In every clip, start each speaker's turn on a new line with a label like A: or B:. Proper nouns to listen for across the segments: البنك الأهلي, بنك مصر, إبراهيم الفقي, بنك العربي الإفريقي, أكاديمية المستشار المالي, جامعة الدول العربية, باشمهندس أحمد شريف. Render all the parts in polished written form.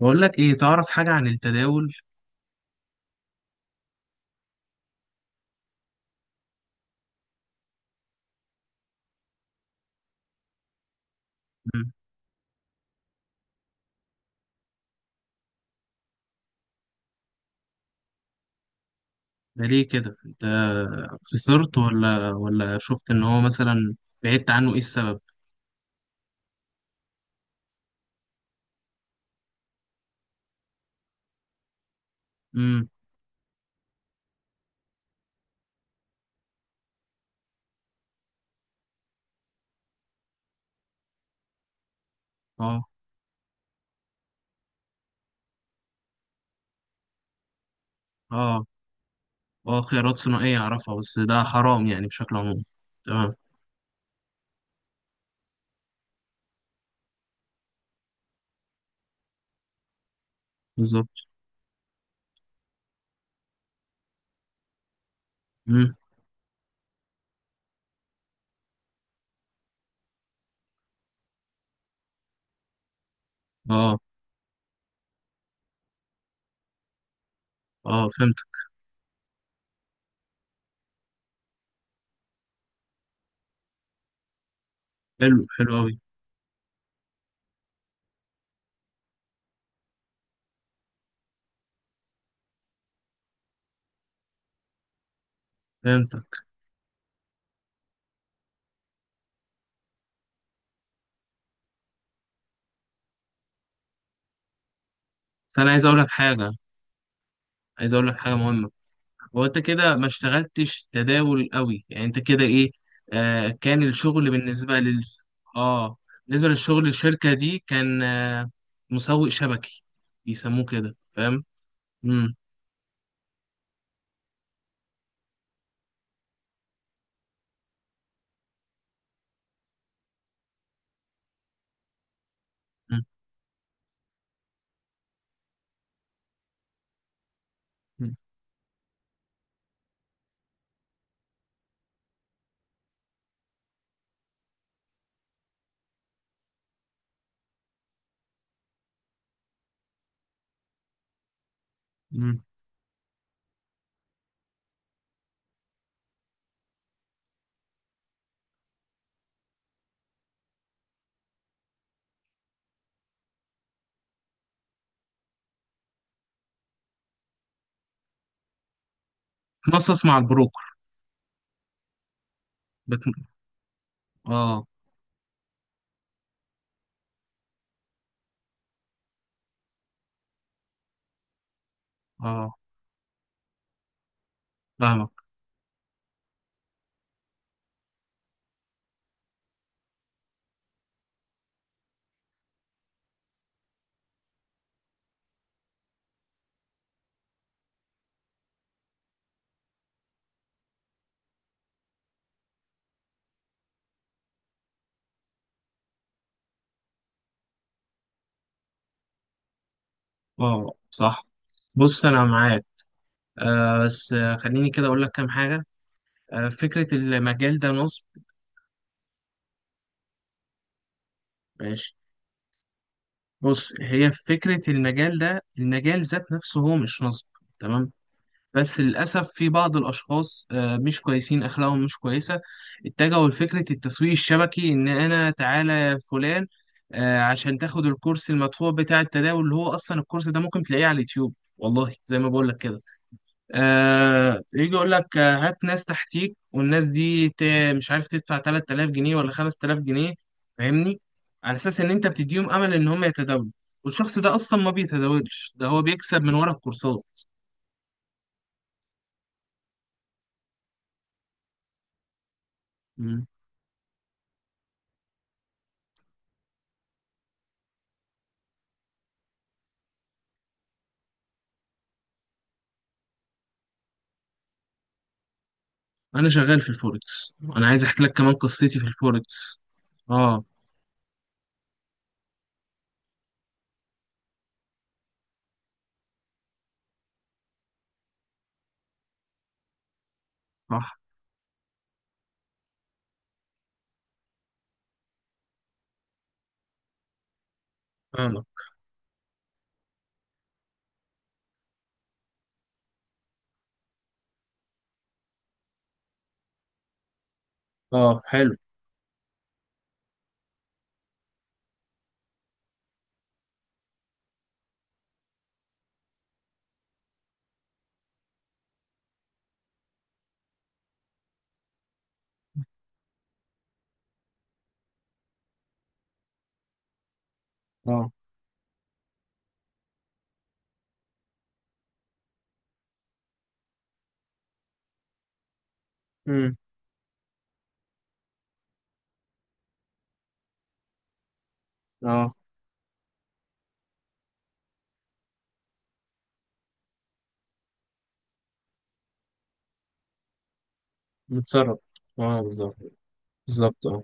A: بقول لك ايه، تعرف حاجة عن التداول؟ مم. ده ليه كده انت؟ خسرت ولا شفت ان هو مثلا بعدت عنه؟ ايه السبب؟ امم اه، اه، اه، خيارات ثنائية اعرفها. بس ده حرام يعني بشكل عام. تمام، بالظبط. امم اه، اه، فهمت. حلو، حلو قوي. فهمت. بس انا عايز اقول لك حاجة، عايز اقول لك حاجة مهمة. وانت كده ما اشتغلتش تداول قوي يعني انت كده ايه؟ كان الشغل بالنسبه لل... اه بالنسبه للشغل، الشركه دي كان مسوق شبكي، بيسموه كده، فاهم؟ امم تنصص مع البروكر. بت... اه، اه، فاهمك. اه، صح. بص، انا معاك. بس، خليني كده اقول لك كام حاجه. فكره المجال ده نصب؟ ماشي. بص، هي فكره المجال ده، المجال ذات نفسه هو مش نصب. تمام. بس للأسف في بعض الأشخاص مش كويسين، أخلاقهم مش كويسة. اتجهوا لفكرة التسويق الشبكي، إن أنا تعالى يا فلان، عشان تاخد الكورس المدفوع بتاع التداول، اللي هو أصلا الكورس ده ممكن تلاقيه على اليوتيوب والله، زي ما بقول لك كده. يجي يقول لك، هات ناس تحتيك، والناس دي مش عارف تدفع 3000 جنيه ولا 5000 جنيه، فاهمني؟ على أساس إن أنت بتديهم أمل إن هم يتداولوا، والشخص ده أصلا ما بيتداولش، ده هو بيكسب من ورا الكورسات. انا شغال في الفوركس، انا عايز احكي لك كمان قصتي في الفوركس. اه، صح. فاهمك. اه، حلو. اه. امم اه، متسرب. اه، بالظبط، بالظبط. اه،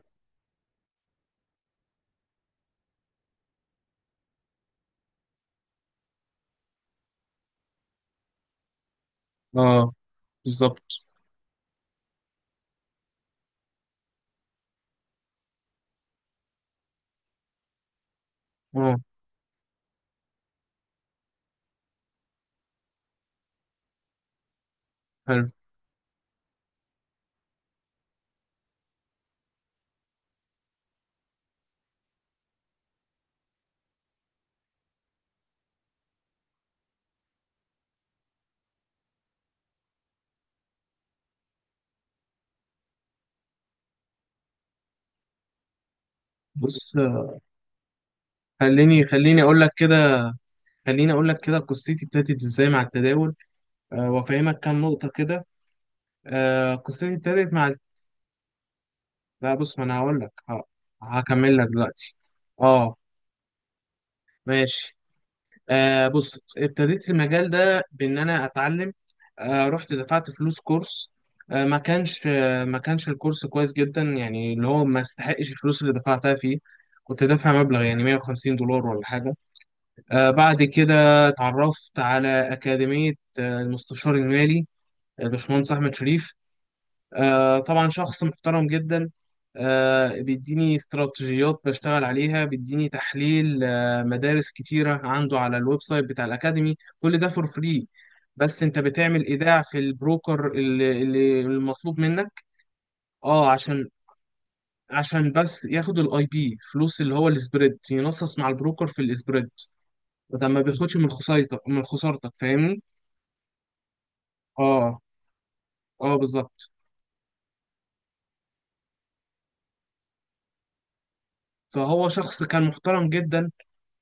A: اه، بالظبط. اه، حلو. بص، خليني خليني اقول لك كده خليني اقول لك كده قصتي ابتدت ازاي مع التداول. وافهمك كام نقطة كده. قصتي ابتدت مع... لا بص، ما انا هقول لك. هكمل لك دلوقتي. اه. ماشي. بص، ابتديت المجال ده بإن أنا أتعلم. رحت دفعت فلوس كورس. ما كانش الكورس كويس جدا، يعني اللي هو ما استحقش الفلوس اللي دفعتها فيه. كنت دافع مبلغ يعني 150 دولار ولا حاجة. بعد كده اتعرفت على أكاديمية، المستشار المالي، باشمهندس أحمد شريف. طبعا شخص محترم جدا. بيديني استراتيجيات بشتغل عليها، بيديني تحليل، مدارس كتيرة عنده على الويب سايت بتاع الأكاديمي، كل ده فور فري. بس انت بتعمل ايداع في البروكر اللي المطلوب منك. اه، عشان بس ياخد الاي بي فلوس، اللي هو السبريد، ينصص مع البروكر في السبريد. ده ما بياخدش من خسارتك، فاهمني؟ اه، اه، بالظبط. فهو شخص كان محترم جدا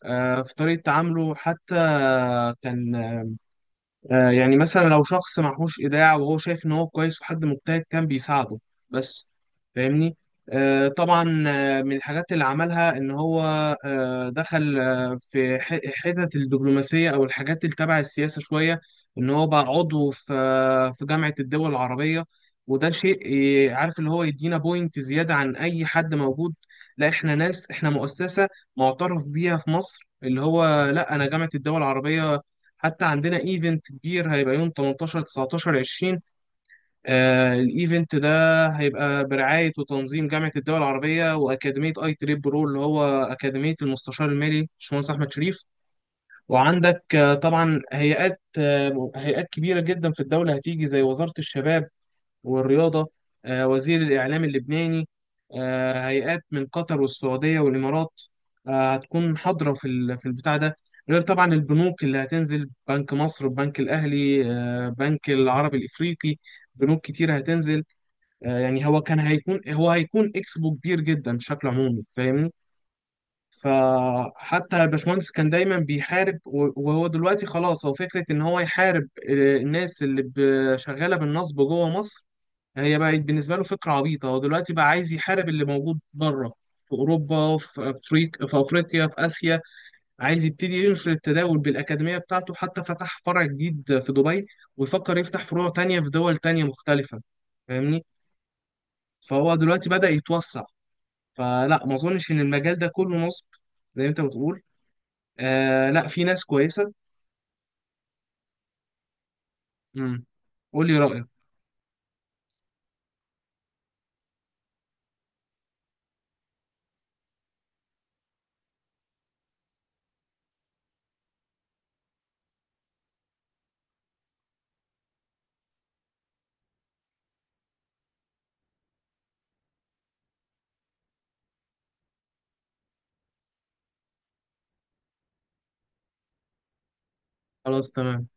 A: في طريقة تعامله حتى. كان يعني مثلا لو شخص معهوش إيداع وهو شايف إن هو كويس وحد مجتهد، كان بيساعده بس، فاهمني؟ طبعا، من الحاجات اللي عملها إن هو دخل في حتت الدبلوماسية أو الحاجات اللي تبع السياسة شوية. إن هو بقى عضو في جامعة الدول العربية. وده شيء عارف، اللي هو يدينا بوينت زيادة عن أي حد موجود. لا، إحنا ناس، إحنا مؤسسة معترف بيها في مصر، اللي هو لا، أنا جامعة الدول العربية. حتى عندنا ايفنت كبير هيبقى يوم 18، 19، 20. الايفنت ده هيبقى برعاية وتنظيم جامعة الدول العربية وأكاديمية اي تريب برو، اللي هو أكاديمية المستشار المالي باشمهندس أحمد شريف. وعندك طبعا هيئات، كبيرة جدا في الدولة هتيجي، زي وزارة الشباب والرياضة، وزير الإعلام اللبناني، هيئات من قطر والسعودية والإمارات، هتكون حاضرة في في البتاع ده. غير طبعا البنوك اللي هتنزل: بنك مصر، البنك الأهلي، بنك العربي الإفريقي. بنوك كتير هتنزل. يعني هو هيكون إكسبو كبير جدا بشكل عمومي، فاهمني؟ فحتى الباشمهندس كان دايما بيحارب، و- وهو دلوقتي خلاص، هو فكرة إن هو يحارب الناس اللي شغالة بالنصب جوه مصر، هي بقت بالنسبة له فكرة عبيطة. هو دلوقتي بقى عايز يحارب اللي موجود بره، في أوروبا، في أفريقيا، في آسيا. عايز يبتدي ينشر التداول بالأكاديمية بتاعته، حتى فتح فرع جديد في دبي ويفكر يفتح فروع تانية في دول تانية مختلفة، فاهمني؟ فهو دلوقتي بدأ يتوسع. فلا، ما أظنش إن المجال ده كله نصب زي ما أنت بتقول. لا، في ناس كويسة. امم قول لي رأيك. خلاص، تمام.